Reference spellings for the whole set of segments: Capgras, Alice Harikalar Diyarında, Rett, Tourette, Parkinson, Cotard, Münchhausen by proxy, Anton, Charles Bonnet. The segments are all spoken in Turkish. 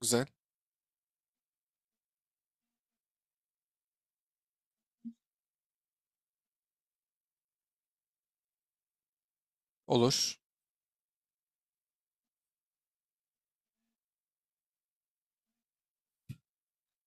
Güzel. Olur.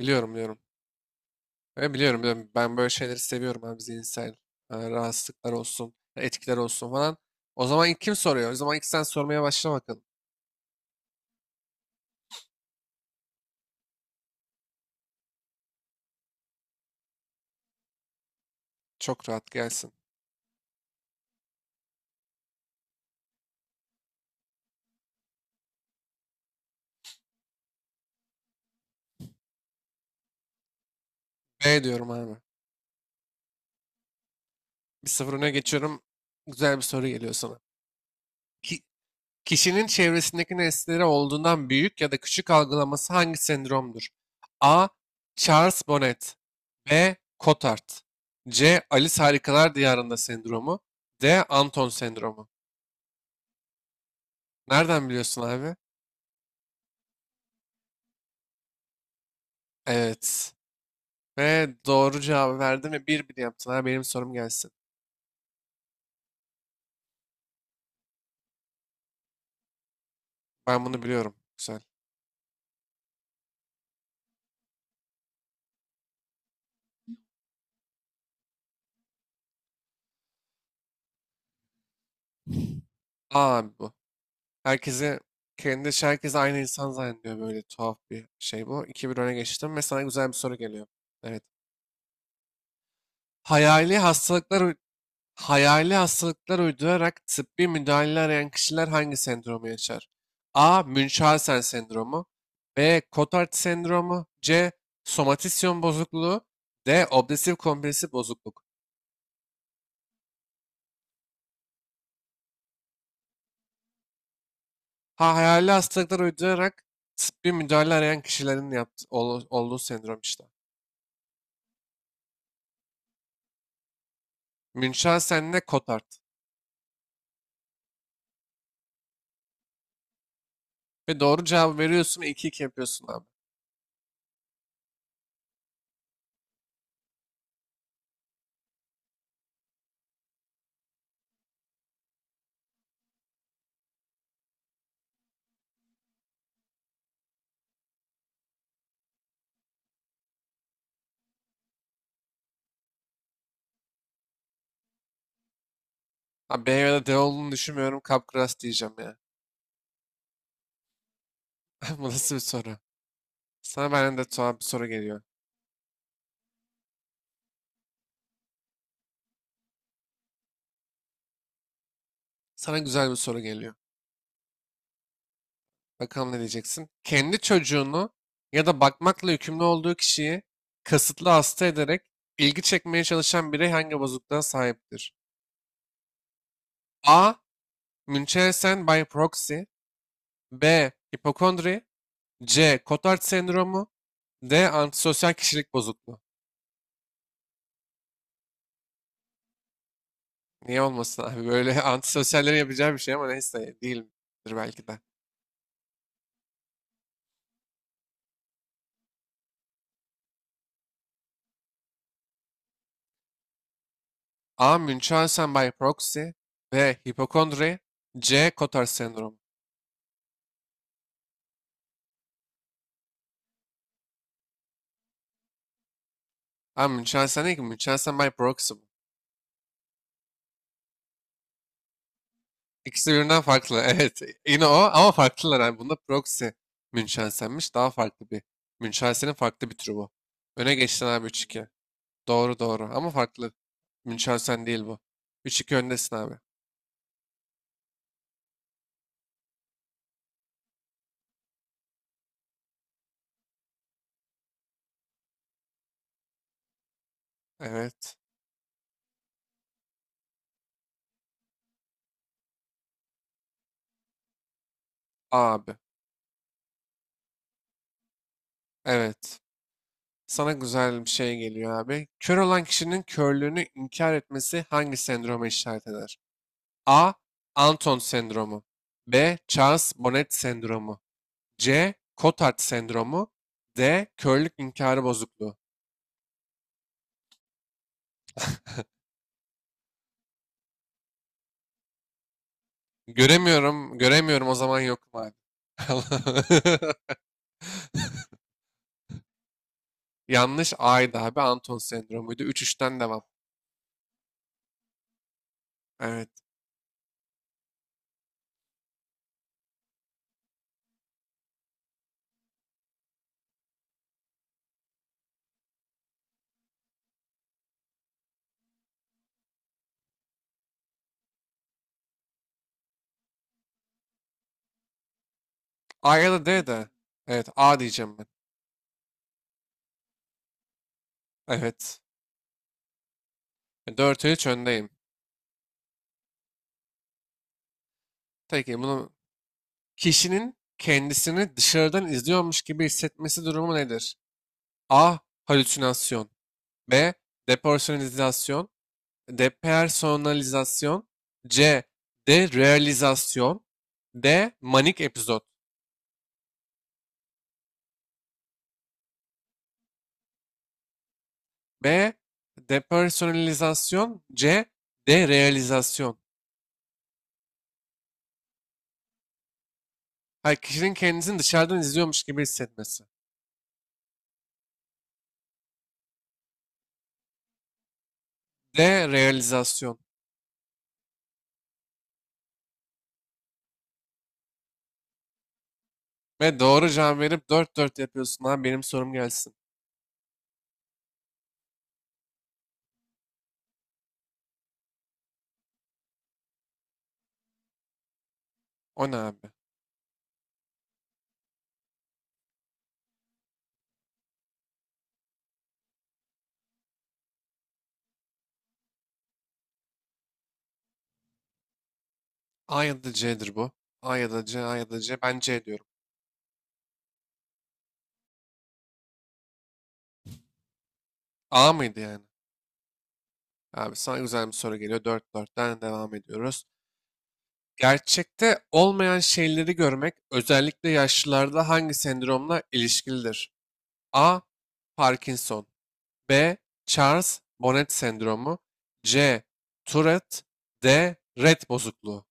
Biliyorum, biliyorum. Ben biliyorum, biliyorum. Ben böyle şeyleri seviyorum abi, zihinsel rahatsızlıklar olsun, etkiler olsun falan. O zaman ilk kim soruyor? O zaman ilk sen sormaya başla bakalım. Çok rahat gelsin. B diyorum abi. 1-0 öne geçiyorum. Güzel bir soru geliyor sana. Ki- Kişinin çevresindeki nesneleri olduğundan büyük ya da küçük algılaması hangi sendromdur? A. Charles Bonnet. B. Cotard. C. Alice Harikalar Diyarında sendromu. D. Anton sendromu. Nereden biliyorsun abi? Evet. Ve doğru cevabı verdin ve 1-1 yaptın. Ha, benim sorum gelsin. Ben bunu biliyorum. Güzel. Aa abi, bu. Herkesi Kendi, herkes aynı insan zannediyor, böyle tuhaf bir şey bu. 2 bir öne geçtim ve sana güzel bir soru geliyor. Evet. Hayali hastalıklar Hayali hastalıklar uydurarak tıbbi müdahale arayan kişiler hangi sendromu yaşar? A. Münchhausen sendromu. B. Cotard sendromu. C. Somatisyon bozukluğu. D. Obsesif kompulsif bozukluk. Ha, hayali hastalıklar uydurarak tıbbi müdahale arayan kişilerin olduğu sendrom işte. Münchhausen ile Cotard. Ve doğru cevabı veriyorsun ve 2-2 yapıyorsun abi. Ha, B ya da D olduğunu düşünmüyorum. Capgras diyeceğim ya. Bu nasıl bir soru? Sana benden de tuhaf bir soru geliyor. Sana güzel bir soru geliyor. Bakalım ne diyeceksin? Kendi çocuğunu ya da bakmakla yükümlü olduğu kişiyi kasıtlı hasta ederek ilgi çekmeye çalışan birey hangi bozukluğa sahiptir? A. Münchhausen by proxy. B. Hipokondri. C. Cotard sendromu. D. Antisosyal kişilik bozukluğu. Niye olmasın abi? Böyle antisosyallerin yapacağı bir şey, ama neyse değildir belki de. A. Münchhausen by proxy. B. Hipokondri. C. Cotard sendromu. Ha, Münchhausen değil ki. Münchhausen by proxy bu. İkisi birbirinden farklı. Evet. Yine o ama farklılar. Yani bunda proxy Münchhausen'miş. Daha farklı bir. Münchhausen'in farklı bir türü bu. Öne geçtin abi, 3-2. Doğru, doğru. Ama farklı. Münchhausen değil bu. 3-2 öndesin abi. Evet. Abi. Evet. Sana güzel bir şey geliyor abi. Kör olan kişinin körlüğünü inkar etmesi hangi sendroma işaret eder? A. Anton sendromu. B. Charles-Bonnet sendromu. C. Cotard sendromu. D. Körlük inkarı bozukluğu. Göremiyorum, göremiyorum, o zaman yokum abi. Yanlış, A'ydı abi. Anton sendromuydu. Üç 3ten devam. Evet. A ya da D de. Evet, A diyeceğim ben. Evet. 4-3 öndeyim. Peki bunu Kişinin kendisini dışarıdan izliyormuş gibi hissetmesi durumu nedir? A. Halüsinasyon. B. Depersonalizasyon. Depersonalizasyon. C. Derealizasyon. D. Manik epizod. B. Depersonalizasyon. C. Derealizasyon. Hayır, kişinin kendisini dışarıdan izliyormuş gibi hissetmesi. D. Realizasyon. Ve doğru cevap verip 4-4 yapıyorsun abi. Benim sorum gelsin. O ne abi? A ya da C'dir bu. A ya da C, A ya da C. Ben C diyorum. A mıydı yani? Abi, sana güzel bir soru geliyor. 4-4'ten devam ediyoruz. Gerçekte olmayan şeyleri görmek özellikle yaşlılarda hangi sendromla ilişkilidir? A. Parkinson. B. Charles Bonnet sendromu. C. Tourette. D. Rett bozukluğu.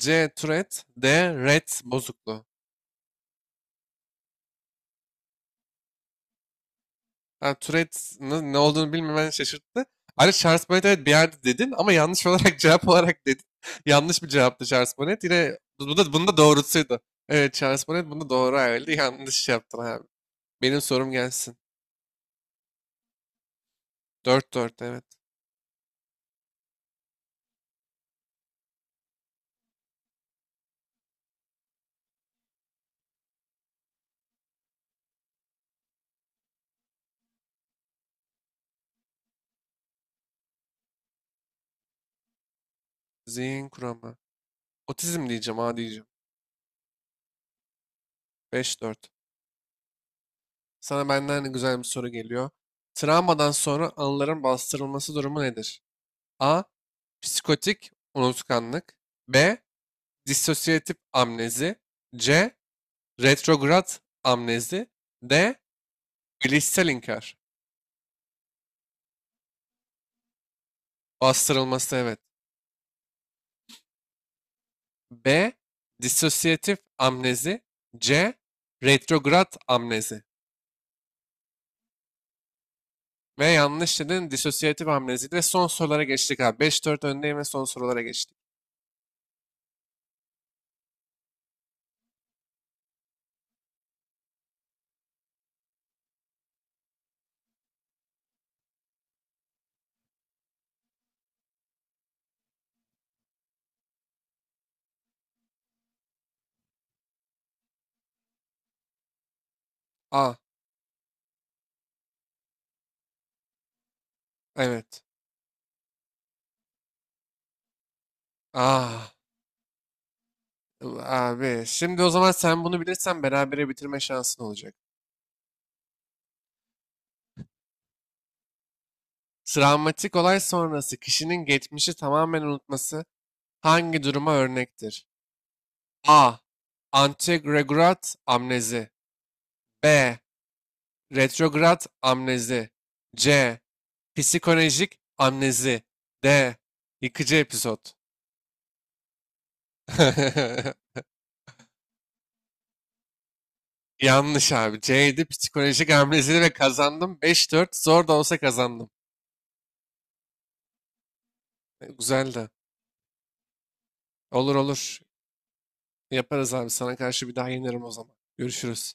C. Tourette. D. Rett bozukluğu. Ha, Tourette'nin ne olduğunu bilmemen şaşırttı. Ayrıca Charles Bonnet, evet, bir yerde dedin ama yanlış olarak cevap olarak dedin. Yanlış bir cevaptı Charles Bonnet. Yine bu da, bunun da doğrusuydu. Evet, Charles Bonnet bunu doğru ayarladı. Yanlış yaptın abi. Benim sorum gelsin. 4-4, evet. Zihin kuramı. Otizm diyeceğim, ha, diyeceğim. 5-4. Sana benden güzel bir soru geliyor. Travmadan sonra anıların bastırılması durumu nedir? A. Psikotik unutkanlık. B. Dissosiyatif amnezi. C. Retrograd amnezi. D. Bilişsel inkar. Bastırılması, evet. B. Disosyatif amnezi. C. Retrograd amnezi. Ve yanlış dedin, disosyatif amnezi. Ve son sorulara geçtik abi. 5-4 öndeyim ve son sorulara geçtik. A. Evet. A. Abi. Şimdi o zaman sen bunu bilirsen berabere bitirme şansın olacak. Travmatik olay sonrası kişinin geçmişi tamamen unutması hangi duruma örnektir? A. Anteregrat amnezi. B. Retrograt amnezi. C. Psikolojik amnezi. D. Yıkıcı episod. Yanlış abi. C'ydi psikolojik amnezi ve kazandım. 5-4, zor da olsa kazandım. Güzeldi. Olur, olur. Yaparız abi. Sana karşı bir daha yenirim o zaman. Görüşürüz.